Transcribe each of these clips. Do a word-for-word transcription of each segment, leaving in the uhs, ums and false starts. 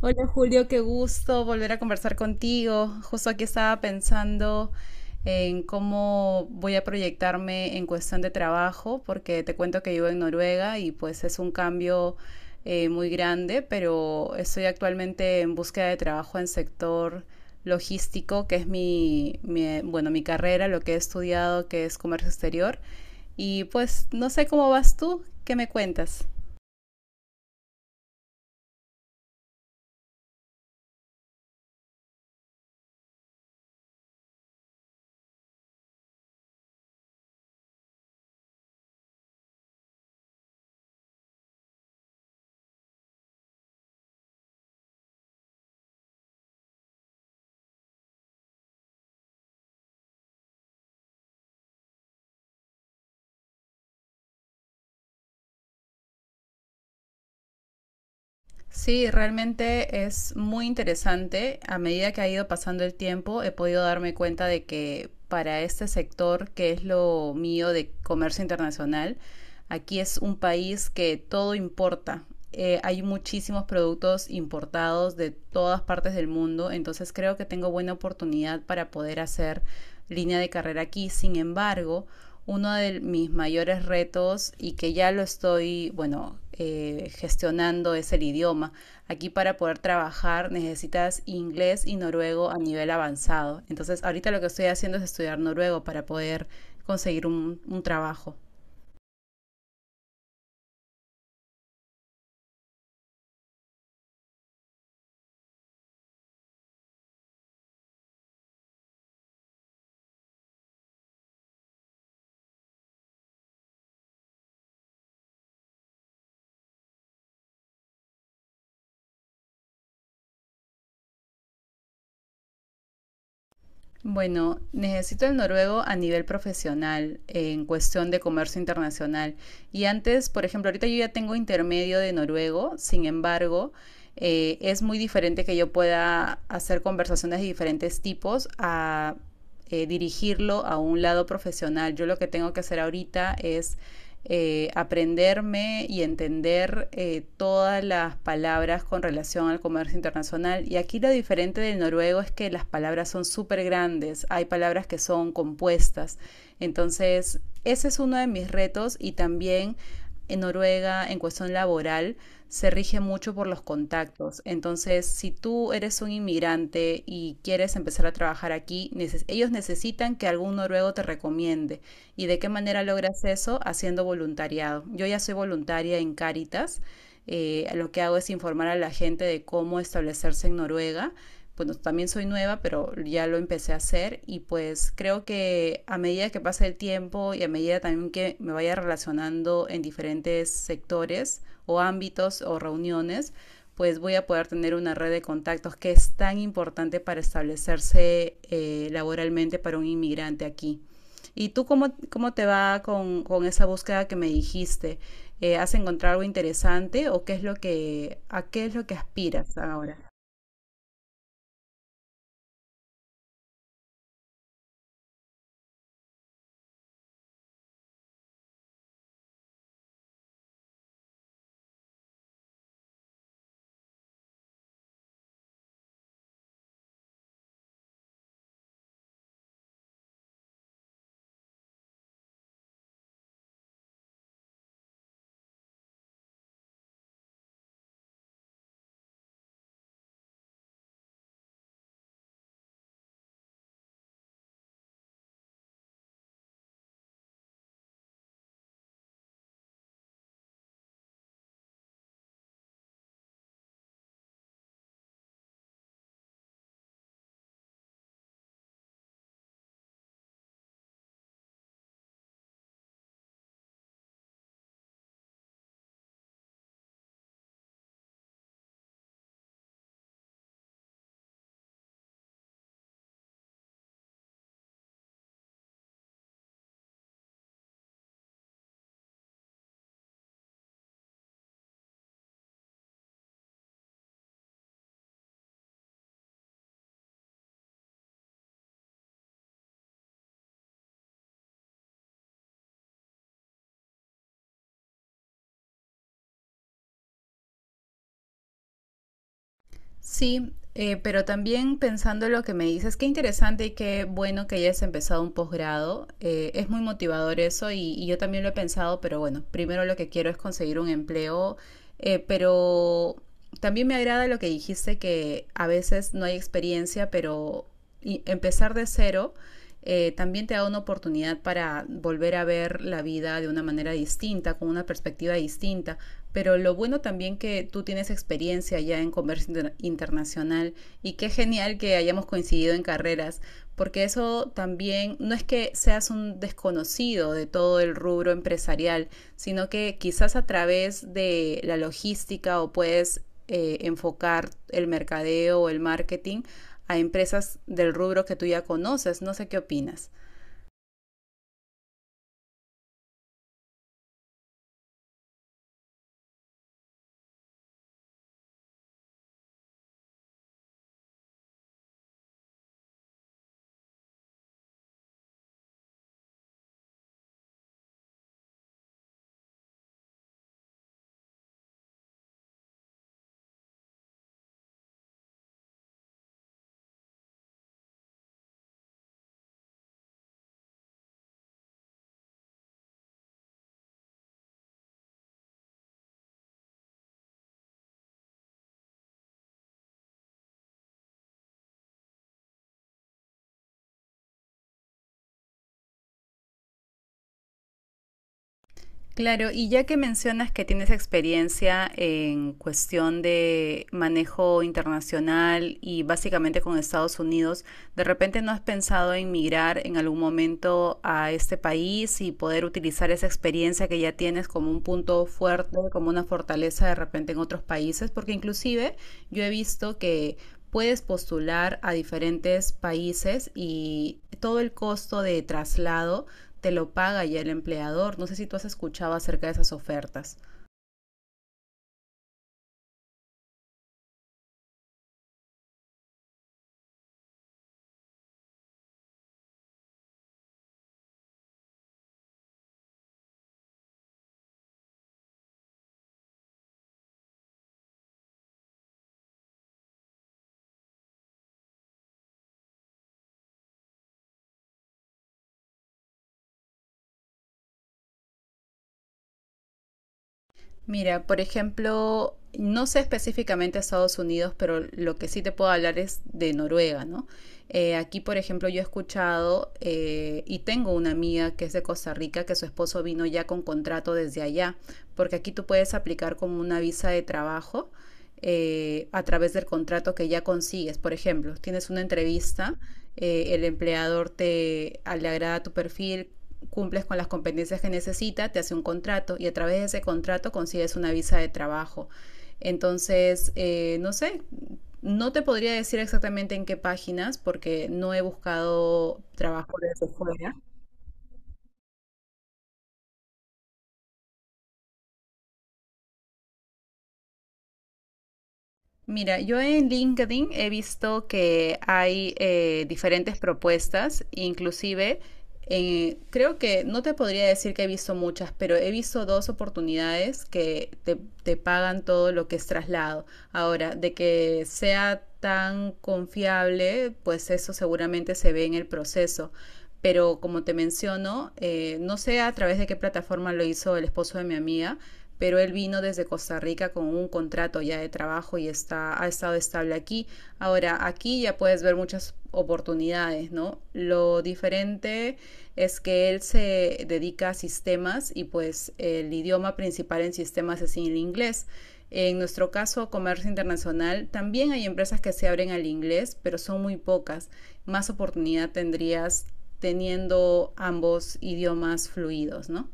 Hola Julio, qué gusto volver a conversar contigo. Justo aquí estaba pensando en cómo voy a proyectarme en cuestión de trabajo, porque te cuento que vivo en Noruega y pues es un cambio eh, muy grande, pero estoy actualmente en búsqueda de trabajo en sector logístico, que es mi, mi, bueno, mi carrera, lo que he estudiado, que es comercio exterior. Y pues no sé cómo vas tú, ¿qué me cuentas? Sí, realmente es muy interesante. A medida que ha ido pasando el tiempo, he podido darme cuenta de que para este sector, que es lo mío de comercio internacional, aquí es un país que todo importa. Eh, hay muchísimos productos importados de todas partes del mundo, entonces creo que tengo buena oportunidad para poder hacer línea de carrera aquí. Sin embargo, uno de mis mayores retos y que ya lo estoy, bueno, eh, gestionando, es el idioma. Aquí para poder trabajar necesitas inglés y noruego a nivel avanzado. Entonces ahorita lo que estoy haciendo es estudiar noruego para poder conseguir un, un trabajo. Bueno, necesito el noruego a nivel profesional, eh, en cuestión de comercio internacional. Y antes, por ejemplo, ahorita yo ya tengo intermedio de noruego, sin embargo, eh, es muy diferente que yo pueda hacer conversaciones de diferentes tipos a eh, dirigirlo a un lado profesional. Yo lo que tengo que hacer ahorita es eh, aprenderme y entender eh, todas las palabras con relación al comercio internacional. Y aquí lo diferente del noruego es que las palabras son súper grandes, hay palabras que son compuestas. Entonces, ese es uno de mis retos y también en Noruega en cuestión laboral se rige mucho por los contactos. Entonces, si tú eres un inmigrante y quieres empezar a trabajar aquí, neces ellos necesitan que algún noruego te recomiende. ¿Y de qué manera logras eso? Haciendo voluntariado. Yo ya soy voluntaria en Cáritas. Eh, lo que hago es informar a la gente de cómo establecerse en Noruega. Bueno, también soy nueva, pero ya lo empecé a hacer y pues creo que a medida que pase el tiempo y a medida también que me vaya relacionando en diferentes sectores o ámbitos o reuniones, pues voy a poder tener una red de contactos que es tan importante para establecerse eh, laboralmente para un inmigrante aquí. ¿Y tú cómo, cómo te va con, con esa búsqueda que me dijiste? Eh, ¿has encontrado algo interesante o qué es lo que, a qué es lo que aspiras ahora? Sí, eh, pero también pensando en lo que me dices, qué interesante y qué bueno que hayas empezado un posgrado. Eh, es muy motivador eso y, y yo también lo he pensado, pero bueno, primero lo que quiero es conseguir un empleo, eh, pero también me agrada lo que dijiste que a veces no hay experiencia, pero y- empezar de cero eh, también te da una oportunidad para volver a ver la vida de una manera distinta, con una perspectiva distinta. Pero lo bueno también que tú tienes experiencia ya en comercio inter internacional y qué genial que hayamos coincidido en carreras, porque eso también no es que seas un desconocido de todo el rubro empresarial, sino que quizás a través de la logística o puedes eh, enfocar el mercadeo o el marketing a empresas del rubro que tú ya conoces. No sé qué opinas. Claro, y ya que mencionas que tienes experiencia en cuestión de manejo internacional y básicamente con Estados Unidos, ¿de repente no has pensado en migrar en algún momento a este país y poder utilizar esa experiencia que ya tienes como un punto fuerte, como una fortaleza de repente en otros países? Porque inclusive yo he visto que puedes postular a diferentes países y todo el costo de traslado te lo paga ya el empleador. No sé si tú has escuchado acerca de esas ofertas. Mira, por ejemplo, no sé específicamente Estados Unidos, pero lo que sí te puedo hablar es de Noruega, ¿no? Eh, aquí, por ejemplo, yo he escuchado eh, y tengo una amiga que es de Costa Rica, que su esposo vino ya con contrato desde allá, porque aquí tú puedes aplicar como una visa de trabajo eh, a través del contrato que ya consigues. Por ejemplo, tienes una entrevista, eh, el empleador te le agrada tu perfil, cumples con las competencias que necesita, te hace un contrato y a través de ese contrato consigues una visa de trabajo. Entonces, eh, no sé, no te podría decir exactamente en qué páginas porque no he buscado trabajo desde fuera. Mira, yo en linked in he visto que hay eh, diferentes propuestas, inclusive eh, creo que no te podría decir que he visto muchas, pero he visto dos oportunidades que te, te pagan todo lo que es traslado. Ahora, de que sea tan confiable, pues eso seguramente se ve en el proceso. Pero como te menciono, eh, no sé a través de qué plataforma lo hizo el esposo de mi amiga, pero él vino desde Costa Rica con un contrato ya de trabajo y está, ha estado estable aquí. Ahora, aquí ya puedes ver muchas oportunidades, ¿no? Lo diferente es que él se dedica a sistemas y pues el idioma principal en sistemas es el inglés. En nuestro caso, comercio internacional, también hay empresas que se abren al inglés, pero son muy pocas. Más oportunidad tendrías teniendo ambos idiomas fluidos, ¿no?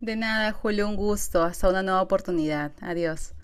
De nada, Julio, un gusto. Hasta una nueva oportunidad. Adiós.